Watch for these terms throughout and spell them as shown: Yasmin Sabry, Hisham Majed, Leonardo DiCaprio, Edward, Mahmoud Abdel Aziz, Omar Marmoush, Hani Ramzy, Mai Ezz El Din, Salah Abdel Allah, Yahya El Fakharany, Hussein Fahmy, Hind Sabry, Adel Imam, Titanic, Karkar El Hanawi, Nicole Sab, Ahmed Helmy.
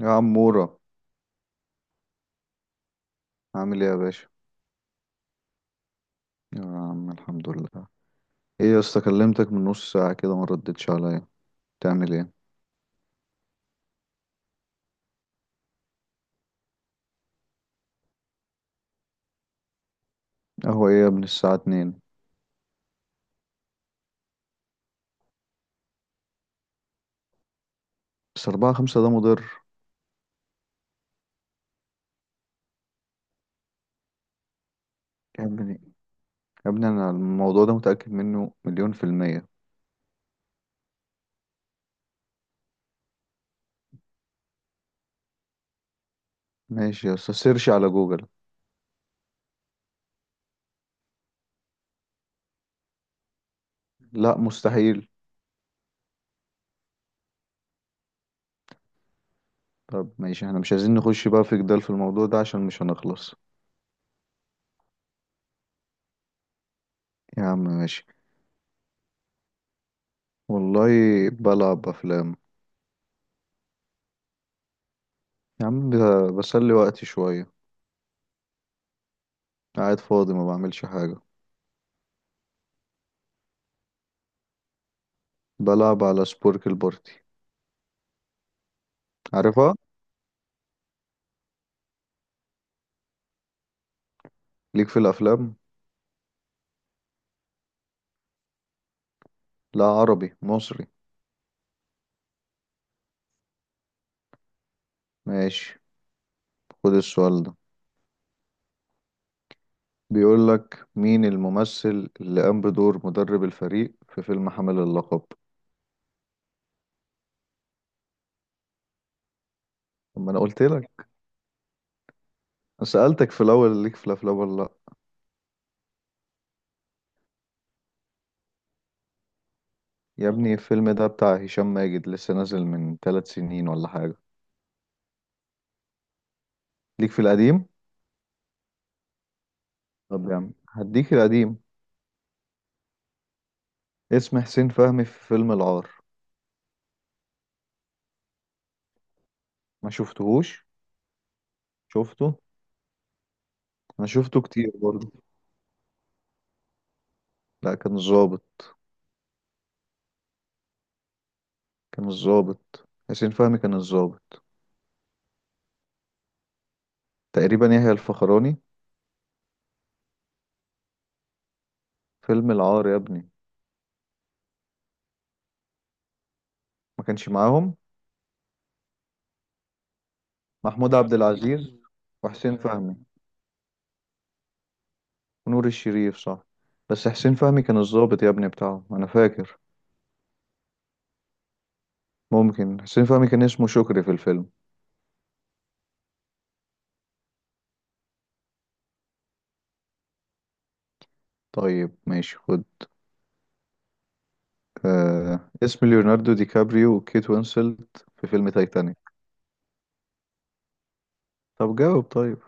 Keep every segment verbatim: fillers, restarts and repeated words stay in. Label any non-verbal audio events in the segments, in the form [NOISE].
يا عمورة. عامل ايه يا باشا؟ يا عم الحمد لله. ايه يا اسطى، كلمتك من نص ساعة كده ما ردتش عليا، تعمل ايه؟ قهوة ايه يا ابني الساعة اتنين؟ بس اربعة خمسة ده مضر. يا ابني، يا ابني انا الموضوع ده متأكد منه مليون في المية. ماشي يا اسطى، سيرش على جوجل. لا مستحيل. طب ماشي، احنا مش عايزين نخش بقى في جدال في الموضوع ده عشان مش هنخلص. يا عم ماشي. والله بلعب افلام. يا عم ب- بسلي وقتي شوية. قاعد فاضي ما بعملش حاجة. بلعب على سبورك البارتي. عارفها. ليك في الافلام؟ لا، عربي مصري. ماشي، خد السؤال ده، بيقول لك مين الممثل اللي قام بدور مدرب الفريق في فيلم حامل اللقب؟ طب ما انا قلت لك، سألتك في الاول ليك في الافلام ولا لا؟ يا ابني الفيلم ده بتاع هشام ماجد، لسه نازل من ثلاث سنين ولا حاجة. ليك في القديم؟ طب يا عم هديك القديم، اسم حسين فهمي في فيلم العار؟ ما شفتهوش؟ شفته. انا شفته كتير برضه. لا كان الظابط. كان الظابط، حسين فهمي كان الظابط. تقريبا يحيى الفخراني. فيلم العار يا ابني. ما كانش معاهم. محمود عبد العزيز وحسين فهمي ونور الشريف، صح. بس حسين فهمي كان الضابط يا ابني بتاعهم، انا فاكر. ممكن حسين فهمي كان اسمه شكري في الفيلم. طيب ماشي خد، آه... اسم ليوناردو دي كابريو وكيت وينسلت في فيلم تايتانيك؟ طب جاوب طيب.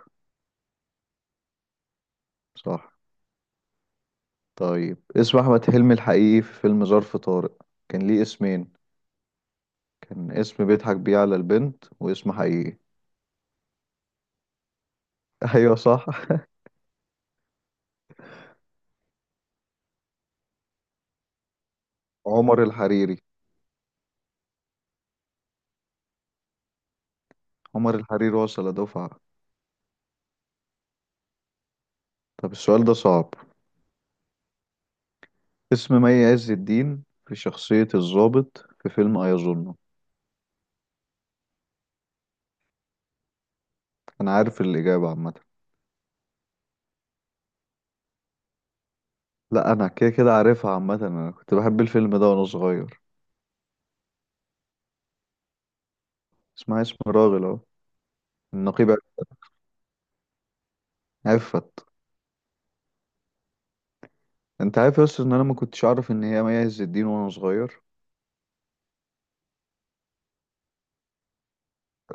صح. طيب، اسم احمد حلمي الحقيقي في فيلم ظرف طارق؟ كان ليه اسمين، كان اسم بيضحك بيه على البنت واسم حقيقي. [LAUGHS] ايوه صح. عمر الحريري. عمر الحريري وصل دفعة. طب السؤال ده صعب. اسم مي عز الدين في شخصية الضابط في فيلم أيظنه؟ أنا عارف الإجابة عامة. لا أنا كده كده عارفها عامة، أنا كنت بحب الفيلم ده وأنا صغير. اسمها اسم راغل أهو. النقيب. عفت. أنت عارف يا أسطى إن أنا ما كنتش أعرف إن هي مي عز الدين وأنا صغير؟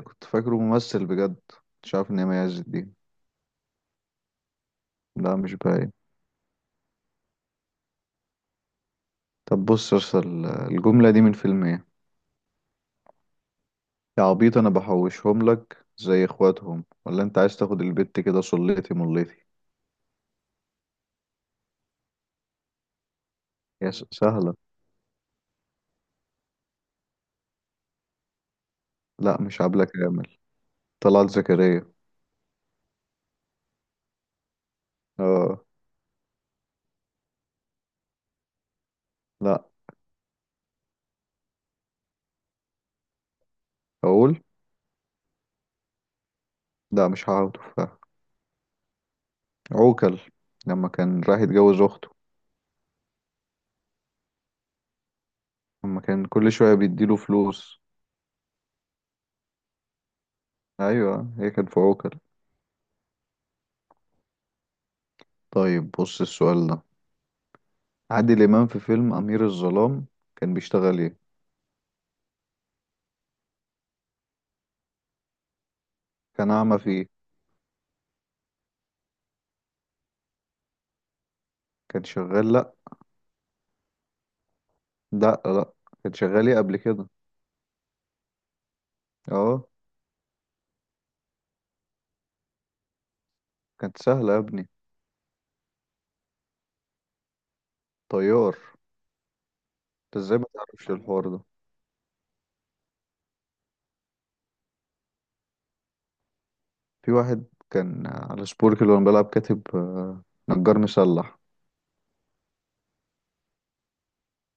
كنت فاكره ممثل بجد، كنتش عارف إن هي مي عز الدين. لا مش باين. طب بص يا أسطى، ال- الجملة دي من فيلم إيه؟ يا عبيط انا بحوشهم لك زي اخواتهم ولا انت عايز تاخد البت كده صليتي مليتي. يا س- سهلة. لا مش عبلة كامل. طلعت زكريا. اه. لا. اقول. لا مش هقعد تفاح. عوكل. لما كان راح يتجوز اخته. لما كان كل شوية بيديله فلوس. ايوه هي كانت في عوكل. طيب بص السؤال ده، عادل امام في فيلم امير الظلام كان بيشتغل ايه؟ كان اعمى فيه. كان شغال. لا لا. لا كان شغال ايه قبل كده؟ اه. كانت سهلة يا ابني. طيار. انت ازاي ما تعرفش الحوار ده؟ في واحد كان على سبورك اللي وانا بلعب كاتب آه، نجار مسلح.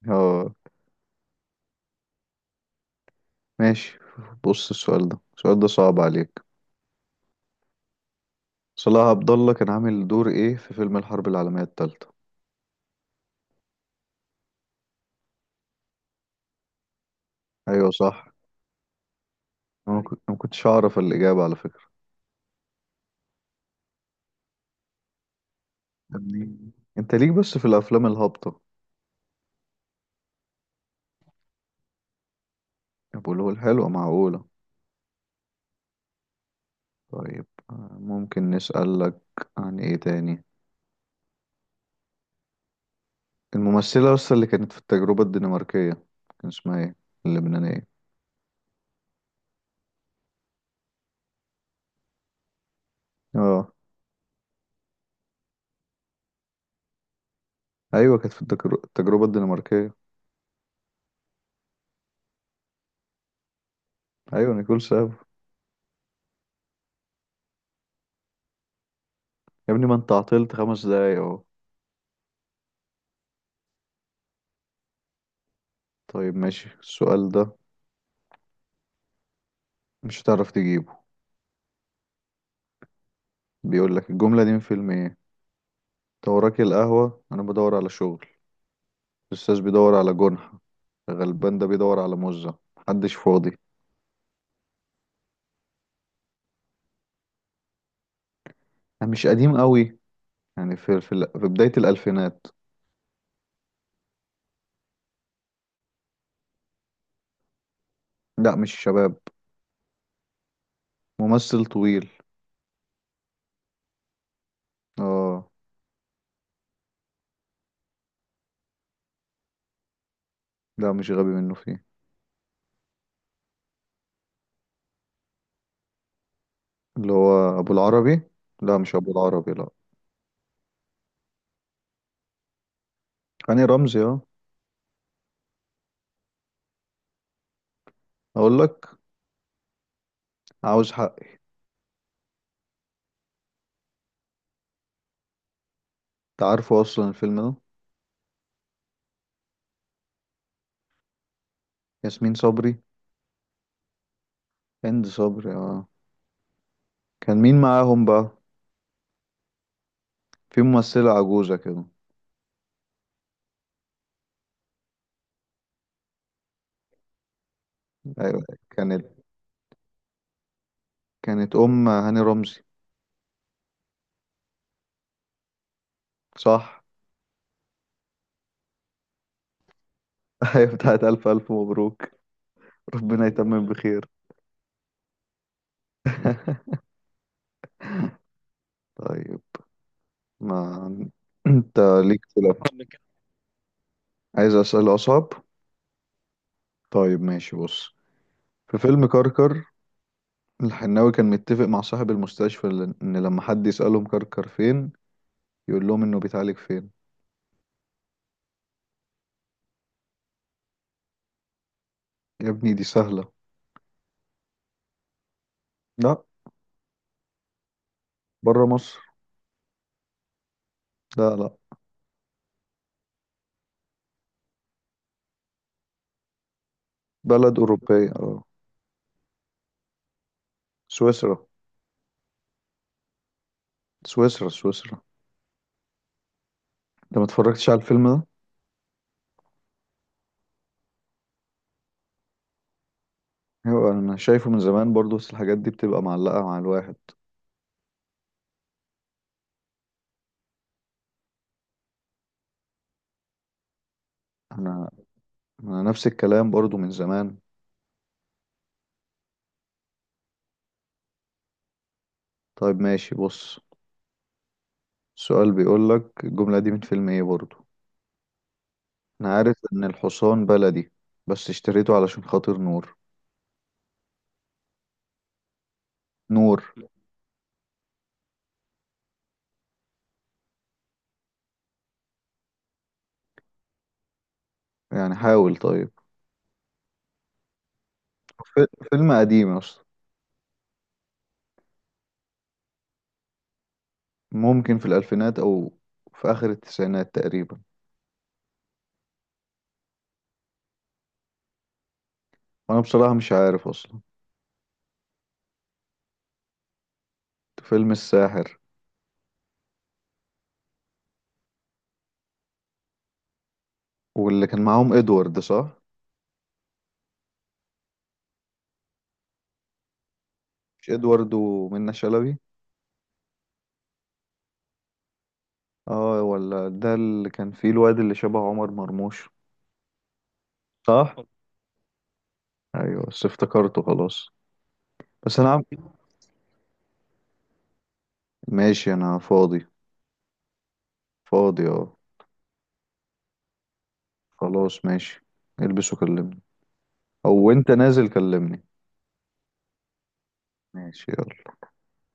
اه. ماشي، بص السؤال ده، السؤال ده صعب عليك. صلاح عبد الله كان عامل دور ايه في فيلم الحرب العالمية التالتة؟ ايوه صح. انا ما كنت- أنا ما كنتش اعرف الاجابة على فكرة. يعني انت ليك بس في الافلام الهابطة. طب واللي هو الحلوة معقولة. طيب آه، ممكن نسألك عن ايه تاني، الممثلة اصلا اللي كانت في التجربة الدنماركية كان اسمها ايه؟ اللبنانية. اه. ايوه كانت في التجر- التجربه الدنماركيه. ايوه نيكول ساب. يا ابني ما انت عطلت خمس دقايق اهو. طيب ماشي السؤال ده مش هتعرف تجيبه. بيقول لك الجمله دي من فيلم ايه؟ انت وراك القهوه انا بدور على شغل، الاستاذ بيدور على جنحه، غلبان ده بيدور على مزه، محدش فاضي. أنا مش قديم قوي، يعني في في, ال- في بدايه الالفينات. لا مش شباب. ممثل طويل. اه. لا مش غبي منه فيه. اللي هو ابو العربي. لا مش ابو العربي، لا. هاني رمزي اه. اقول لك. عاوز حق. انت عارفه اصلا الفيلم ده. ياسمين صبري. هند صبري اه. كان مين معاهم بقى؟ في ممثلة عجوزة كده. ايوه كانت كانت ام هاني رمزي. صح. [LAUGHS] ايوه بتاعت الف الف مبروك. ربنا يتمم بخير. [LAUGHS] طيب، ما انت ليك في الأفلام قبل كده. عايز اسأل اصعب. طيب ماشي بص، في فيلم كركر الحناوي كان متفق مع صاحب المستشفى ل- ان لما حد يسألهم كركر فين يقول لهم انه بيتعالج فين. يا ابني دي سهلة. لا. بره مصر. لا لا. بلد أوروبية اه. سويسرا. سويسرا، سويسرا. انت ما اتفرجتش على الفيلم ده؟ ايوه انا شايفه من زمان برضو، بس الحاجات دي بتبقى معلقة مع الواحد. انا، انا نفس الكلام برضو من زمان. طيب ماشي بص، السؤال بيقول لك الجملة دي من فيلم ايه برضو؟ انا عارف ان الحصان بلدي بس اشتريته علشان خاطر نور. نور. يعني حاول طيب. في- فيلم قديم اصلا. ممكن في الالفينات او في اخر التسعينات تقريبا. وانا بصراحة مش عارف اصلا. فيلم الساحر. واللي كان معاهم ادوارد، صح؟ مش ادوارد ومنة شلبي. اه، ولا ده اللي كان فيه الواد اللي شبه عمر مرموش. صح. ايوه بس افتكرته خلاص. بس انا عم... ماشي انا فاضي. فاضي اه. خلاص ماشي، البس وكلمني. او انت نازل كلمني. ماشي يلا.